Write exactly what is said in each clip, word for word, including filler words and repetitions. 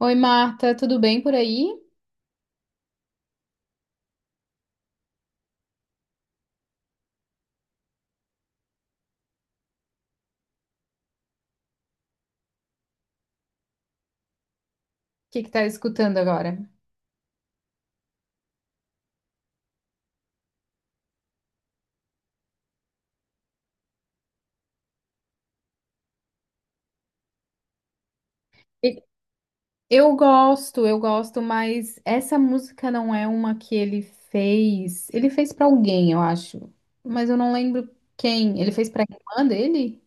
Oi, Marta, tudo bem por aí? O que que tá escutando agora? E- Eu gosto, eu gosto, mas essa música não é uma que ele fez. Ele fez pra alguém, eu acho, mas eu não lembro quem. Ele fez pra irmã dele?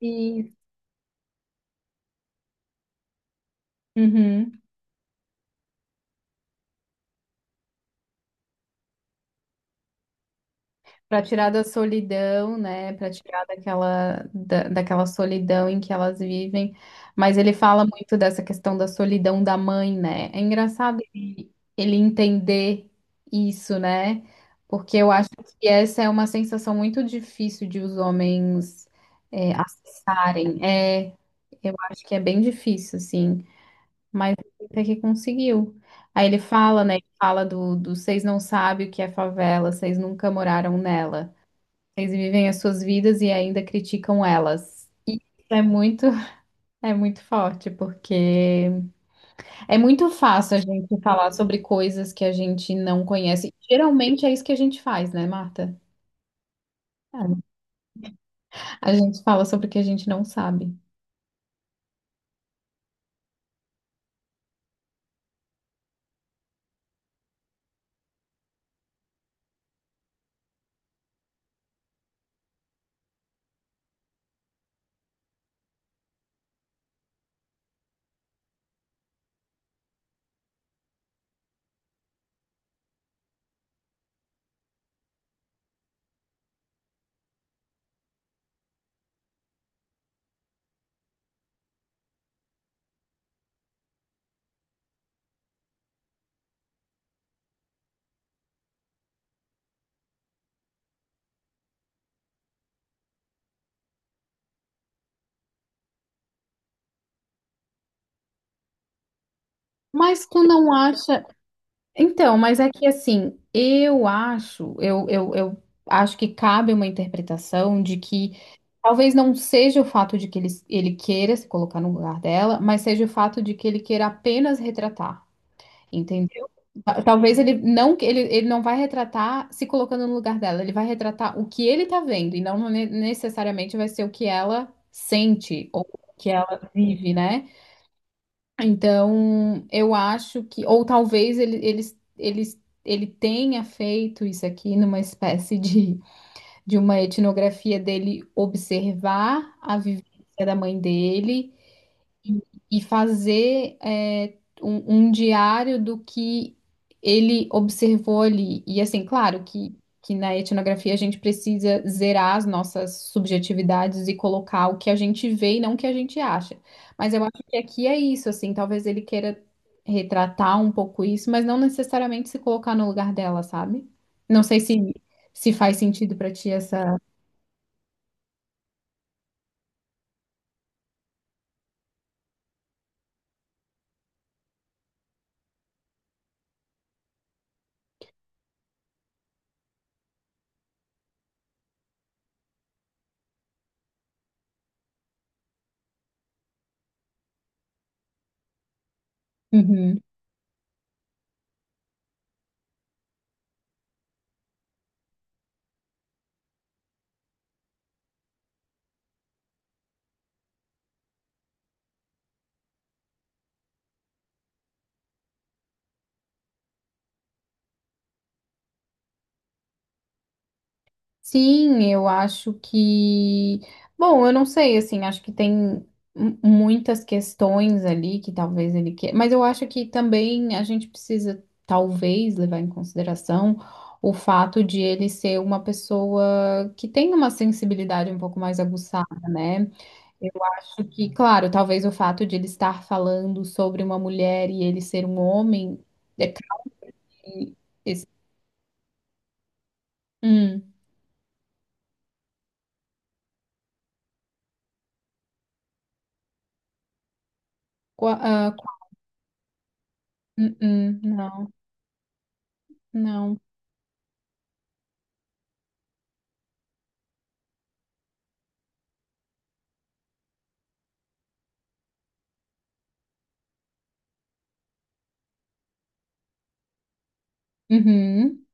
E. Uhum. Para tirar da solidão, né? Para tirar daquela, da, daquela solidão em que elas vivem. Mas ele fala muito dessa questão da solidão da mãe, né? É engraçado ele, ele entender isso, né? Porque eu acho que essa é uma sensação muito difícil de os homens é, acessarem. É, eu acho que é bem difícil, assim. Mas até que conseguiu. Aí ele fala, né? Ele fala do, do vocês não sabem o que é favela, vocês nunca moraram nela. Eles vivem as suas vidas e ainda criticam elas. É muito, é muito forte, porque é muito fácil a gente falar sobre coisas que a gente não conhece. Geralmente é isso que a gente faz, né, Marta? É. A gente fala sobre o que a gente não sabe. Mas tu não acha. Então, mas é que assim, eu acho, eu, eu, eu acho que cabe uma interpretação de que talvez não seja o fato de que ele, ele queira se colocar no lugar dela, mas seja o fato de que ele queira apenas retratar. Entendeu? Ta- Talvez ele não, ele, ele não vai retratar se colocando no lugar dela, ele vai retratar o que ele tá vendo e não ne- necessariamente vai ser o que ela sente ou o que ela vive, né? Então, eu acho que ou talvez ele ele, ele, ele tenha feito isso aqui numa espécie de, de uma etnografia dele observar a vivência da mãe dele e fazer é, um, um diário do que ele observou ali. E assim, claro que, que na etnografia a gente precisa zerar as nossas subjetividades e colocar o que a gente vê e não o que a gente acha. Mas eu acho que aqui é isso, assim, talvez ele queira retratar um pouco isso, mas não necessariamente se colocar no lugar dela, sabe? Não sei se, se faz sentido pra ti essa. Uhum. Sim, eu acho que. Bom, eu não sei, assim, acho que tem mu- muitas questões ali que talvez ele queira. Mas eu acho que também a gente precisa, talvez, levar em consideração o fato de ele ser uma pessoa que tem uma sensibilidade um pouco mais aguçada, né? Eu acho que, claro, talvez o fato de ele estar falando sobre uma mulher e ele ser um homem. é- Hum, qua- ah, qua- hum, hum, não, não. Uhum.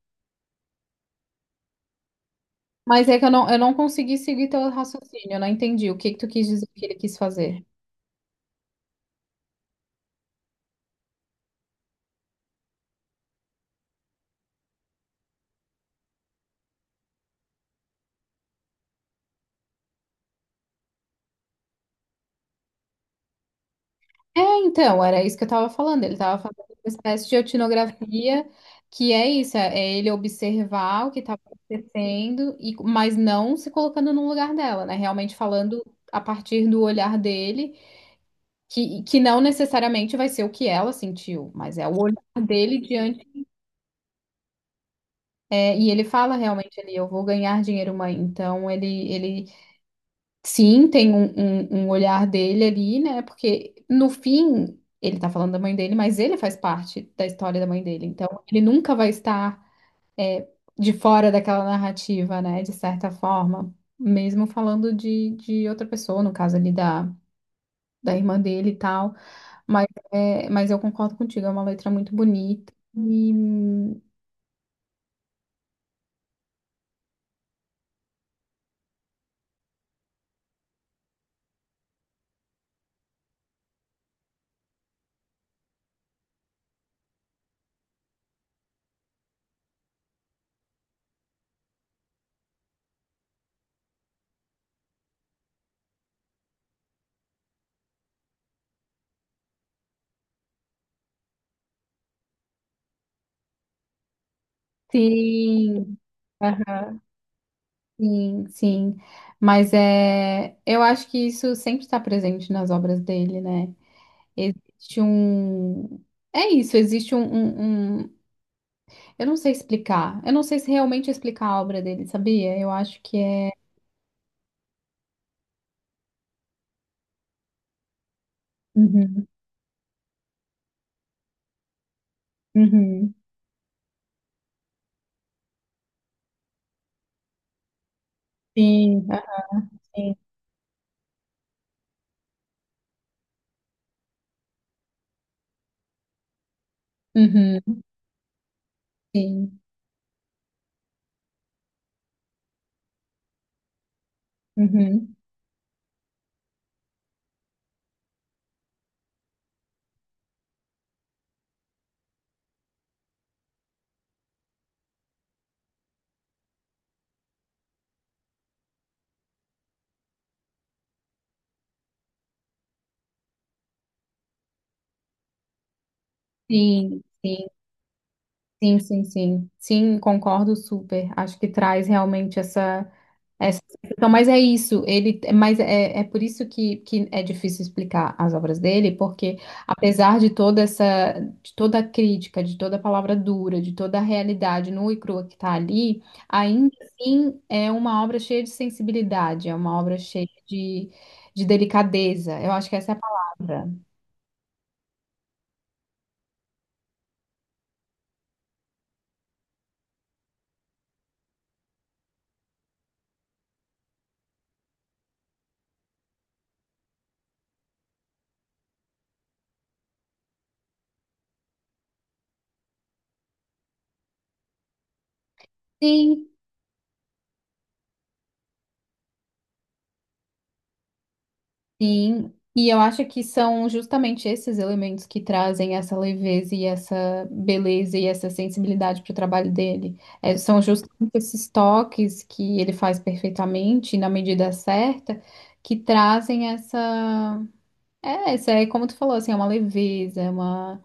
Mas é que eu não, eu não consegui seguir teu raciocínio, eu não entendi o que que tu quis dizer que ele quis fazer. É, então, era isso que eu estava falando. Ele estava fazendo uma espécie de etnografia, que é isso, é é ele observar o que estava acontecendo, e, mas não se colocando no lugar dela, né? Realmente falando a partir do olhar dele, que, que não necessariamente vai ser o que ela sentiu, mas é o olhar dele diante. É, e ele fala realmente ali, eu vou ganhar dinheiro, mãe. Então ele, ele. Sim, tem um, um, um olhar dele ali, né? Porque no fim ele tá falando da mãe dele, mas ele faz parte da história da mãe dele. Então ele nunca vai estar de fora daquela narrativa, né? De certa forma, mesmo falando de, de outra pessoa, no caso ali da, da irmã dele e tal. Mas, é, mas eu concordo contigo, é uma letra muito bonita. E sim, aham, sim, sim. Mas é, eu acho que isso sempre está presente nas obras dele, né? Existe um. É isso, existe um. um- um- Eu não sei explicar. Eu não sei se realmente explicar a obra dele, sabia? Eu acho que é. Uhum, uhum. Sim, assim. Uhum, sim. Uhum. Sim, sim, sim, sim, sim. Sim, concordo super. Acho que traz realmente essa. É, então, mas é isso, ele, mas é, é por isso que, que é difícil explicar as obras dele, porque apesar de toda essa, de toda a crítica, de toda a palavra dura, de toda a realidade nua e crua que está ali, ainda assim é uma obra cheia de sensibilidade, é uma obra cheia de, de delicadeza, eu acho que essa é a palavra. Sim, sim, e eu acho que são justamente esses elementos que trazem essa leveza e essa beleza e essa sensibilidade para o trabalho dele. É, são justamente esses toques que ele faz perfeitamente, na medida certa, que trazem essa. É, essa é como tu falou, assim, é uma leveza, é uma,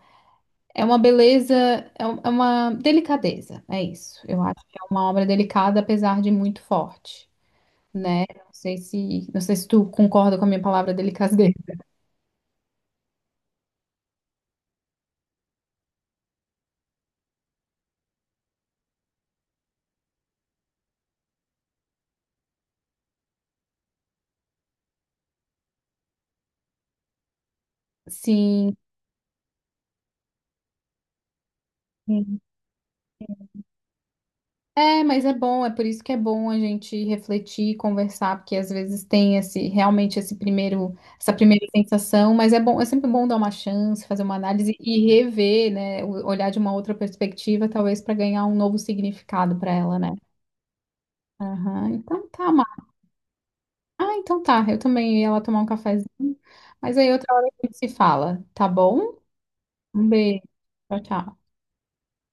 é uma beleza, é um- é uma delicadeza, é isso. Eu acho que é uma obra delicada, apesar de muito forte, né? Não sei se, não sei se tu concorda com a minha palavra delicadeza. Sim, sim. É, mas é bom, é por isso que é bom a gente refletir, conversar, porque às vezes tem esse realmente esse primeiro, essa primeira sensação, mas é bom, é sempre bom dar uma chance, fazer uma análise e rever, né, o- olhar de uma outra perspectiva, talvez para ganhar um novo significado para ela, né? Aham, então tá, Mar. Ah, então tá. Eu também ia lá tomar um cafezinho, mas aí outra hora a gente se fala, tá bom? Um beijo. Tchau, tchau.